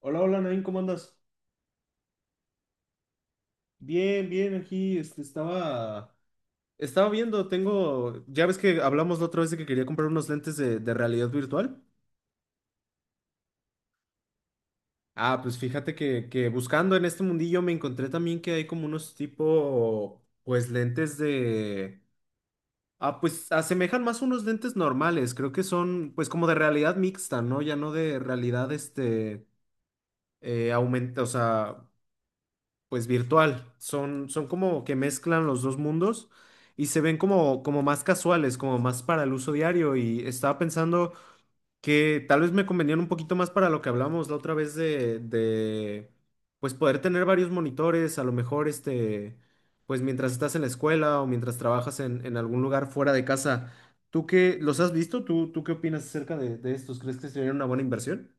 Hola, hola, Nain, ¿cómo andas? Bien, bien, aquí estaba viendo, tengo, ya ves que hablamos la otra vez de que quería comprar unos lentes de realidad virtual. Pues fíjate que buscando en este mundillo me encontré también que hay como unos tipo, pues lentes de, ah, pues asemejan más unos lentes normales, creo que son pues como de realidad mixta, ¿no? Ya no de realidad, aumenta, o sea, pues virtual. Son, son como que mezclan los dos mundos y se ven como, como más casuales, como más para el uso diario. Y estaba pensando que tal vez me convenían un poquito más para lo que hablamos la otra vez de pues poder tener varios monitores, a lo mejor este, pues mientras estás en la escuela o mientras trabajas en algún lugar fuera de casa. ¿Tú qué los has visto? ¿Tú, qué opinas acerca de estos? ¿Crees que sería una buena inversión?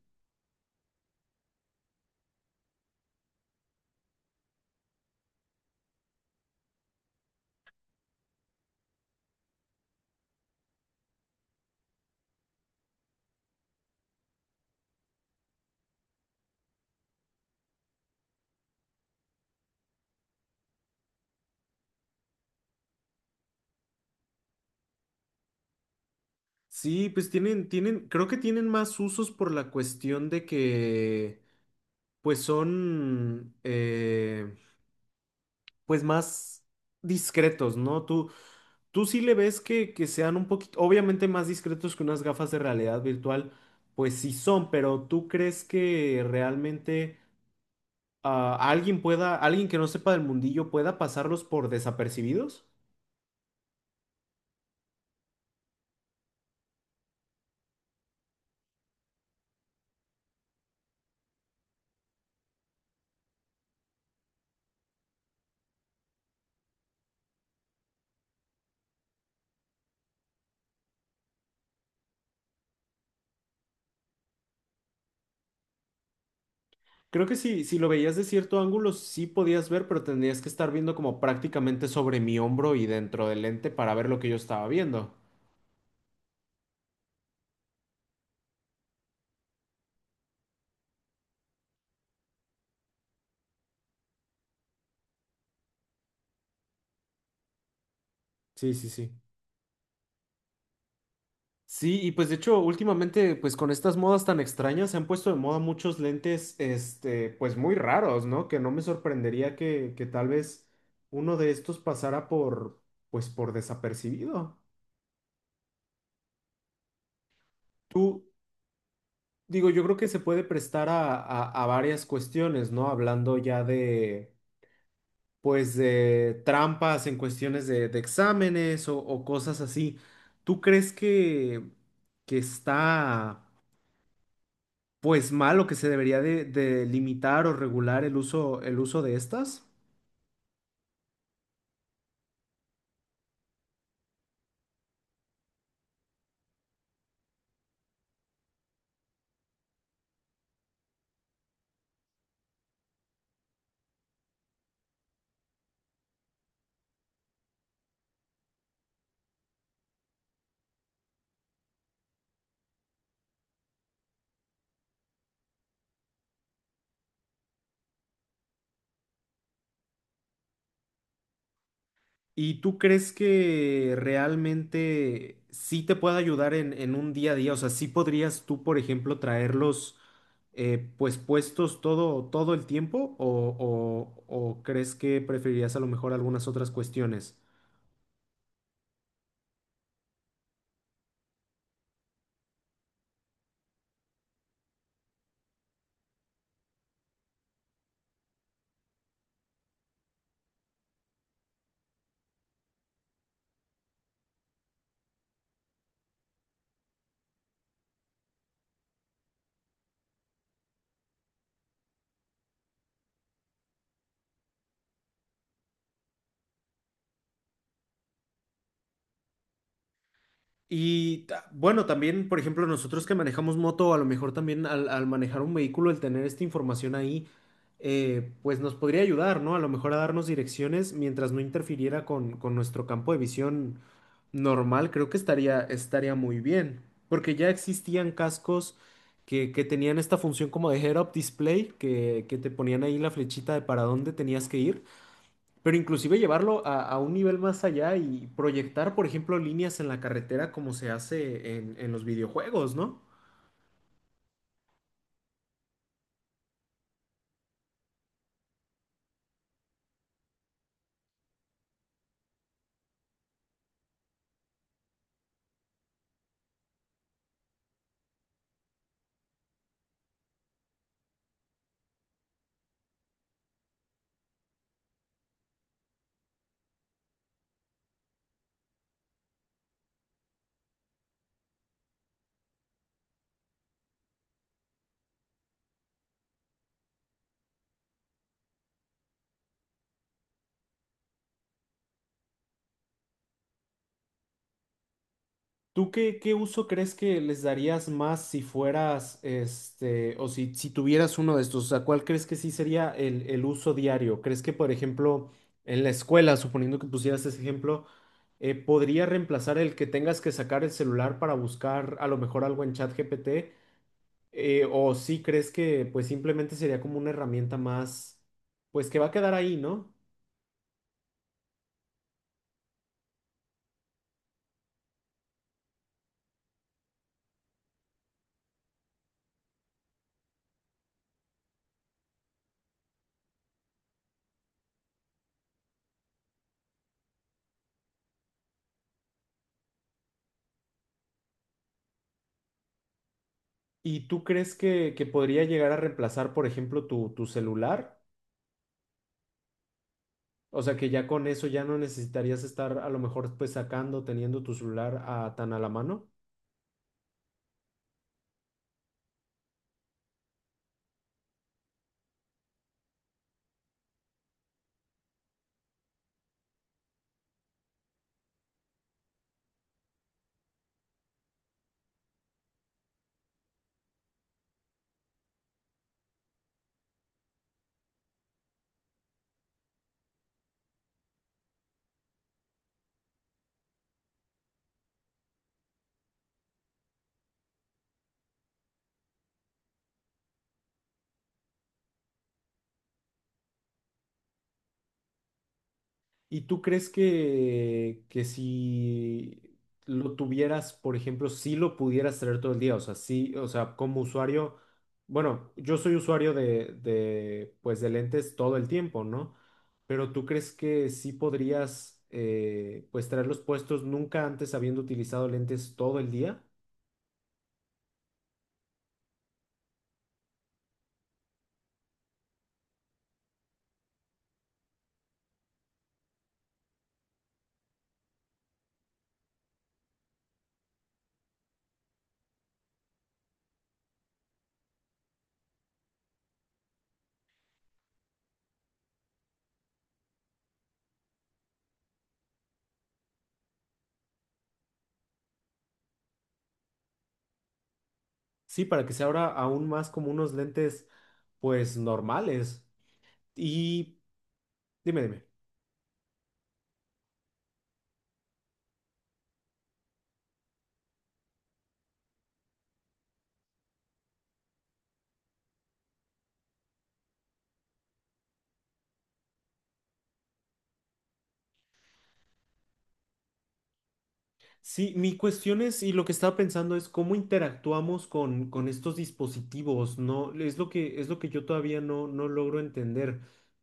Sí, pues tienen, tienen, creo que tienen más usos por la cuestión de que, pues son, pues más discretos, ¿no? Tú sí le ves que sean un poquito, obviamente más discretos que unas gafas de realidad virtual, pues sí son, pero ¿tú crees que realmente alguien pueda, alguien que no sepa del mundillo pueda pasarlos por desapercibidos? Creo que sí, si lo veías de cierto ángulo, sí podías ver, pero tendrías que estar viendo como prácticamente sobre mi hombro y dentro del lente para ver lo que yo estaba viendo. Sí, sí, sí. Sí, y pues de hecho, últimamente, pues con estas modas tan extrañas, se han puesto de moda muchos lentes, este, pues muy raros, ¿no? Que no me sorprendería que tal vez uno de estos pasara por, pues por desapercibido. Tú, digo, yo creo que se puede prestar a varias cuestiones, ¿no? Hablando ya de pues de trampas en cuestiones de exámenes o cosas así. ¿Tú crees que está pues mal o que se debería de limitar o regular el uso de estas? ¿Y tú crees que realmente sí te puede ayudar en un día a día? O sea, sí podrías tú, por ejemplo, traerlos pues puestos todo, todo el tiempo o, o crees que preferirías a lo mejor algunas otras cuestiones? Bueno, también, por ejemplo, nosotros que manejamos moto, a lo mejor también al, al manejar un vehículo, el tener esta información ahí, pues nos podría ayudar, ¿no? A lo mejor a darnos direcciones mientras no interfiriera con nuestro campo de visión normal, creo que estaría, estaría muy bien, porque ya existían cascos que tenían esta función como de head-up display, que te ponían ahí la flechita de para dónde tenías que ir. Pero inclusive llevarlo a un nivel más allá y proyectar, por ejemplo, líneas en la carretera como se hace en los videojuegos, ¿no? ¿Tú qué, qué uso crees que les darías más si fueras, este, o si, si tuvieras uno de estos? O sea, ¿cuál crees que sí sería el uso diario? ¿Crees que, por ejemplo, en la escuela, suponiendo que pusieras ese ejemplo, podría reemplazar el que tengas que sacar el celular para buscar a lo mejor algo en ChatGPT? O sí, crees que pues simplemente sería como una herramienta más, pues que va a quedar ahí, ¿no? ¿Y tú crees que podría llegar a reemplazar, por ejemplo, tu celular? O sea, que ya con eso ya no necesitarías estar a lo mejor pues sacando, teniendo tu celular tan a la mano. ¿Y tú crees que si lo tuvieras, por ejemplo, si lo pudieras traer todo el día? O sea, sí, o sea, como usuario, bueno, yo soy usuario de, pues, de lentes todo el tiempo, ¿no? Pero ¿tú crees que sí podrías, pues, traerlos puestos nunca antes habiendo utilizado lentes todo el día? Sí, para que sea ahora aún más como unos lentes, pues, normales. Y dime, dime. Sí, mi cuestión es, y lo que estaba pensando es cómo interactuamos con estos dispositivos, ¿no? Es lo que yo todavía no, no logro entender.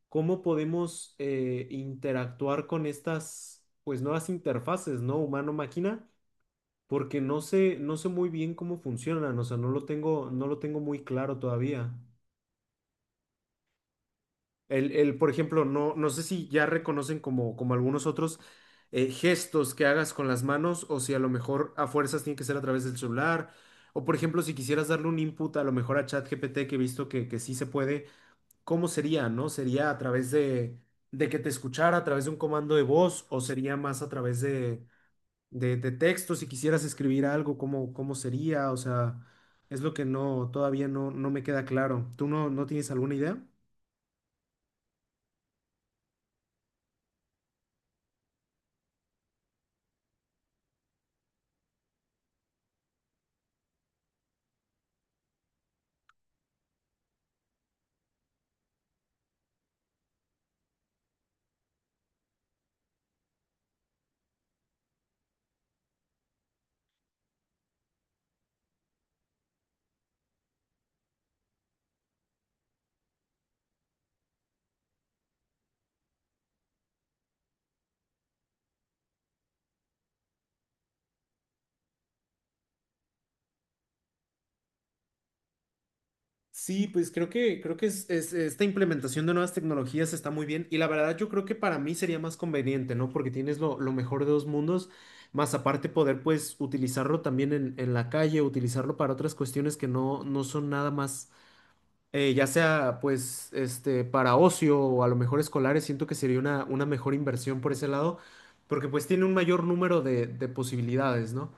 ¿Cómo podemos interactuar con estas, pues, nuevas interfaces, ¿no? Humano-máquina, porque no sé, no sé muy bien cómo funcionan, o sea, no lo tengo, no lo tengo muy claro todavía. El, por ejemplo, no, no sé si ya reconocen como, como algunos otros gestos que hagas con las manos o si a lo mejor a fuerzas tiene que ser a través del celular. O por ejemplo, si quisieras darle un input a lo mejor a ChatGPT, que he visto que sí se puede, ¿cómo sería, no? ¿Sería a través de que te escuchara, a través de un comando de voz o sería más a través de, de texto? Si quisieras escribir algo, ¿cómo, cómo sería? O sea, es lo que no, todavía no, no me queda claro. ¿Tú no, no tienes alguna idea? Sí, pues creo que esta implementación de nuevas tecnologías está muy bien y la verdad yo creo que para mí sería más conveniente, ¿no? Porque tienes lo mejor de dos mundos, más aparte poder pues utilizarlo también en la calle, utilizarlo para otras cuestiones que no, no son nada más, ya sea pues este, para ocio o a lo mejor escolares, siento que sería una mejor inversión por ese lado, porque pues tiene un mayor número de posibilidades, ¿no?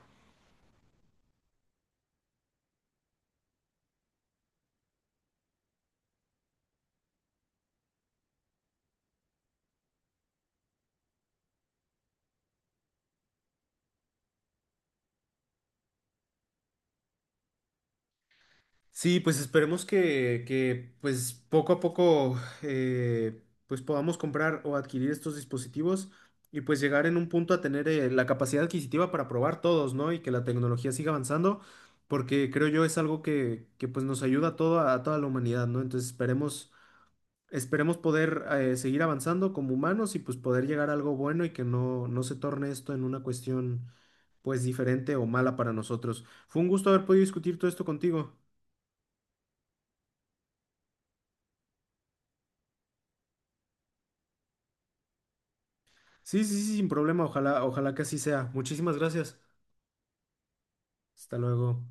Sí, pues esperemos que, pues poco a poco eh, pues podamos comprar o adquirir estos dispositivos y pues llegar en un punto a tener la capacidad adquisitiva para probar todos, ¿no? Y que la tecnología siga avanzando, porque creo yo es algo que, pues nos ayuda a todo, a toda la humanidad, ¿no? Entonces esperemos, esperemos poder seguir avanzando como humanos y pues poder llegar a algo bueno y que no, no se torne esto en una cuestión pues diferente o mala para nosotros. Fue un gusto haber podido discutir todo esto contigo. Sí, sí, sí, sin problema. Ojalá, ojalá que así sea. Muchísimas gracias. Hasta luego.